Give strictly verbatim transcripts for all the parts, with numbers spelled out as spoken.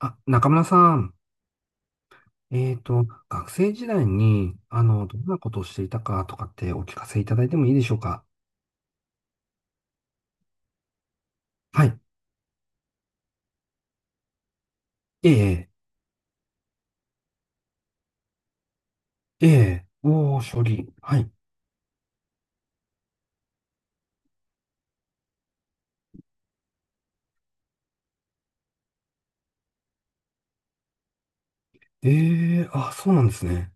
あ、中村さん、えっと、学生時代に、あの、どんなことをしていたかとかってお聞かせいただいてもいいでしょうか？はい。ええ、ええ、おー、処理。はい。ええ、あ、そうなんですね。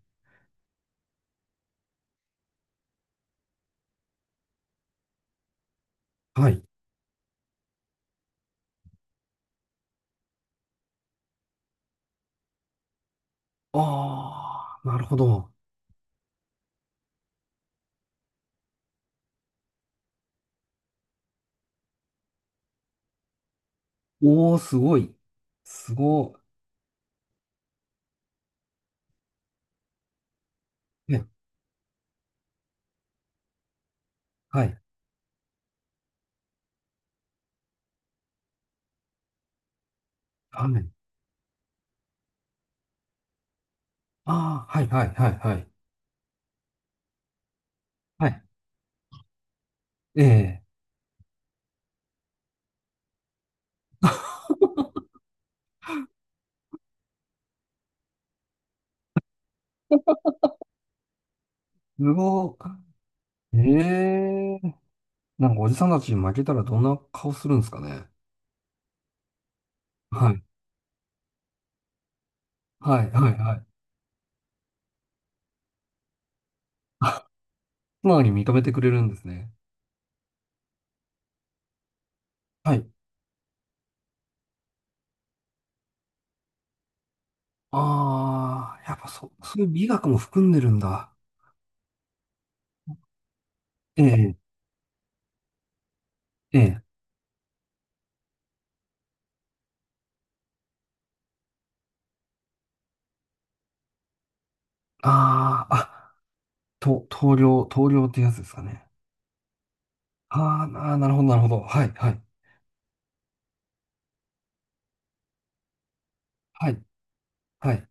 はい。ああ、なるほど。おー、すごい。すごい。え、はい。あ、ね、あー、はい、はい、はい、はい。はい。ええ、すごい。ええ、なんかおじさんたちに負けたらどんな顔するんですかね。はい。はい、はい、はい。まに認めてくれるんですね。はい。ああ、やっぱそ、そういう美学も含んでるんだ。ええ、ええ。ああ、あ、と、棟梁、棟梁ってやつですかね。あーあー、なるほど、なるほど。はい、はい、はい、はい。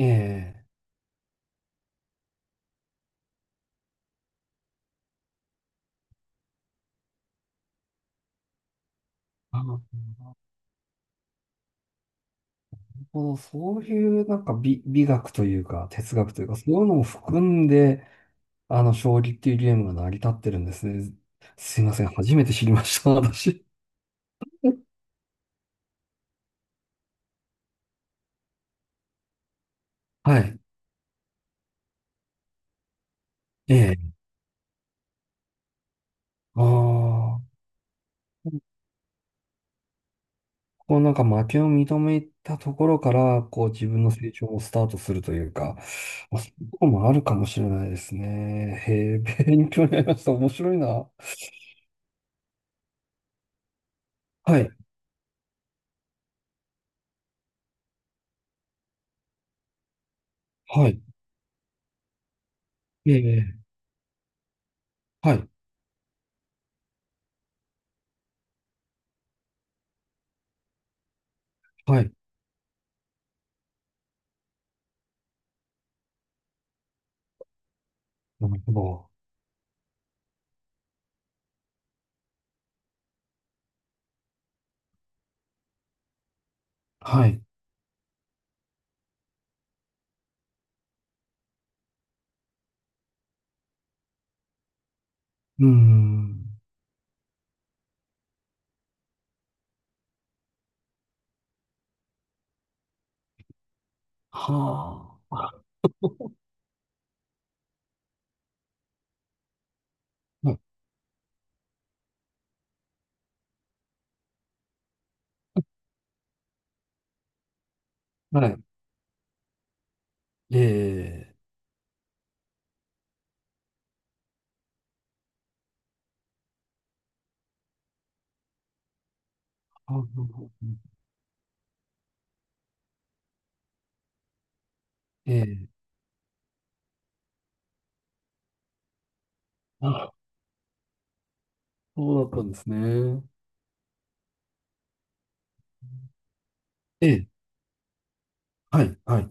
ええ、あー、なるほど。そういうなんか美、美学というか、哲学というか、そういうのも含んで、あの、将棋っていうゲームが成り立ってるんですね。すいません。初めて知りました、私。はい。ええ、ああ、こうなんか負けを認めたところから、こう自分の成長をスタートするというか、まあ、そういうとこもあるかもしれないですね。へえ、勉強になりました。面白いな。はい、はい、ええ、はい、はい、なるほど。はい、うーん、はあ、はい、はい、ええ、あ、ええ、あ、そうだったんですね。ええ、はい、はい、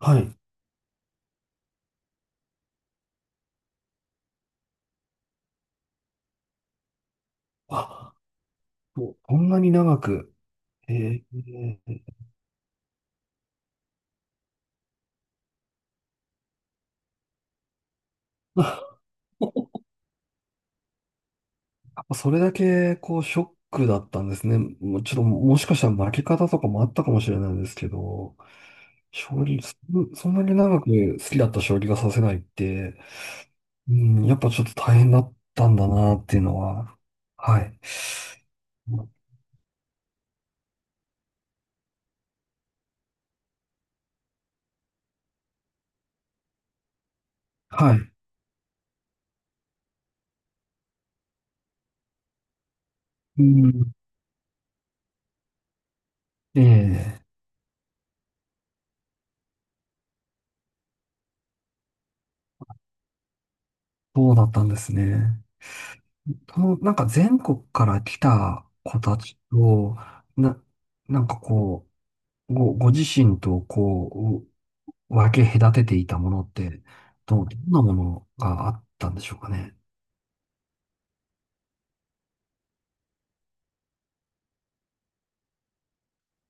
はい、あ、ここんなに長く。ええ、それだけ、こう、ショックだったんですね。もうちょっと、もしかしたら負け方とかもあったかもしれないんですけど、将棋、そそんなに長く好きだった将棋が指せないって、うん、やっぱちょっと大変だったんだなっていうのは。はい。はい。うん、ええ、そうだったんですね。その、なんか全国から来た子たちと、な、なんかこう、ご、ご自身と、こ分け隔てていたものって、ど、どんなものがあったんでしょうかね。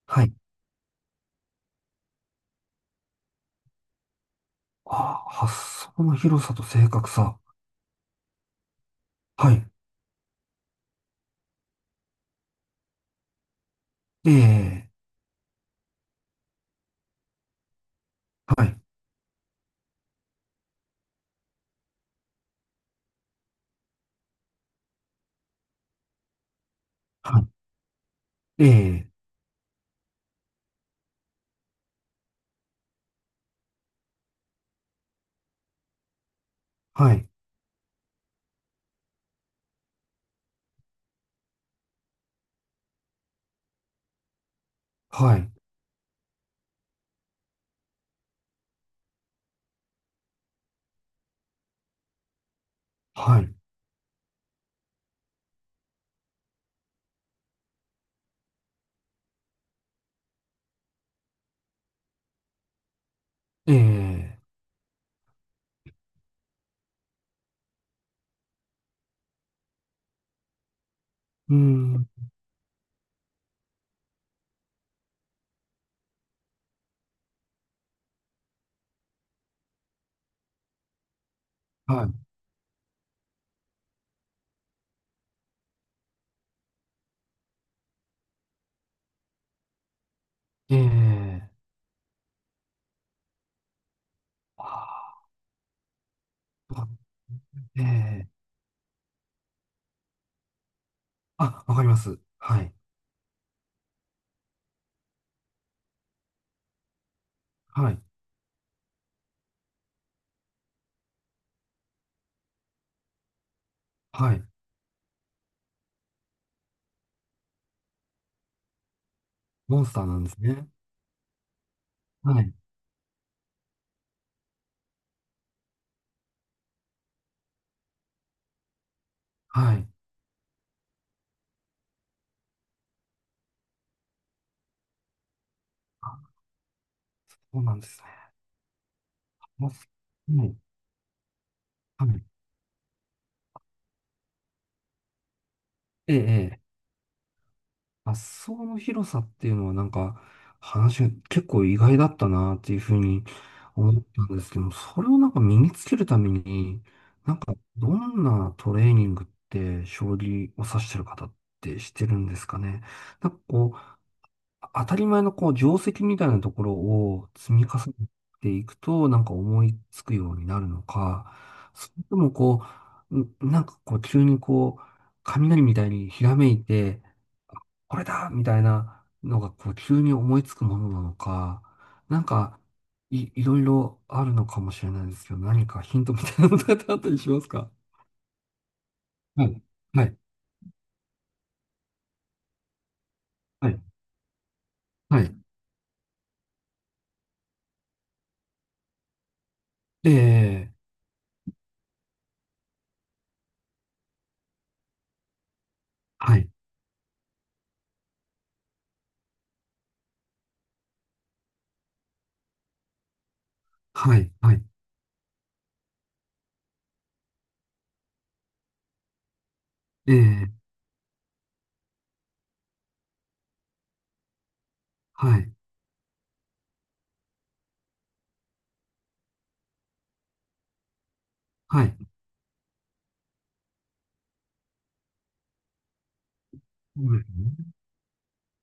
はい。ああ、発想の広さと正確さ。はい。ええ、はい。はい。ええ、はい。はい。はい。ええ、うーん。はい。ええ、ああ、わええ、あ、わかります。はい。はい。はい。モンスターなんですね。はい。はい。あ、そうなんですね。モンスター。はい。はい。ええ、ええ、発想の広さっていうのはなんか話が結構意外だったなっていうふうに思ったんですけど、それをなんか身につけるために、なんかどんなトレーニングって将棋を指してる方ってしてるんですかね。なんかこう、当たり前のこう定石みたいなところを積み重ねていくとなんか思いつくようになるのか、それともこう、んなんかこう急にこう、雷みたいにひらめいて、これだみたいなのが、こう、急に思いつくものなのか、なんか、い、いろいろあるのかもしれないですけど、何かヒントみたいなのってあったりしますか？はい、はい、はい、はい、ええ、はい、はい、はい、ええ、はい、はい、そうですね、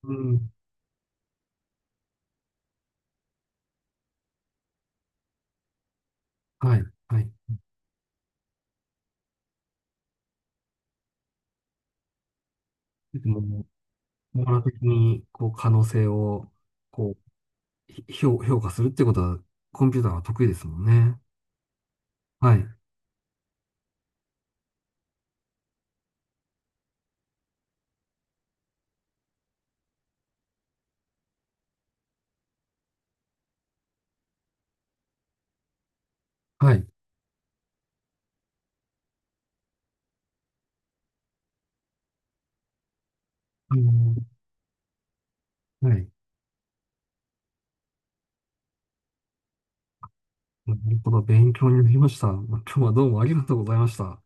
うん、はい、はい。でも、網羅的に、こう、可能性を、こう、ひ評、評価するってことは、コンピューターは得意ですもんね。はい、はい、あの、はい。なるほど、勉強になりました。今日はどうもありがとうございました。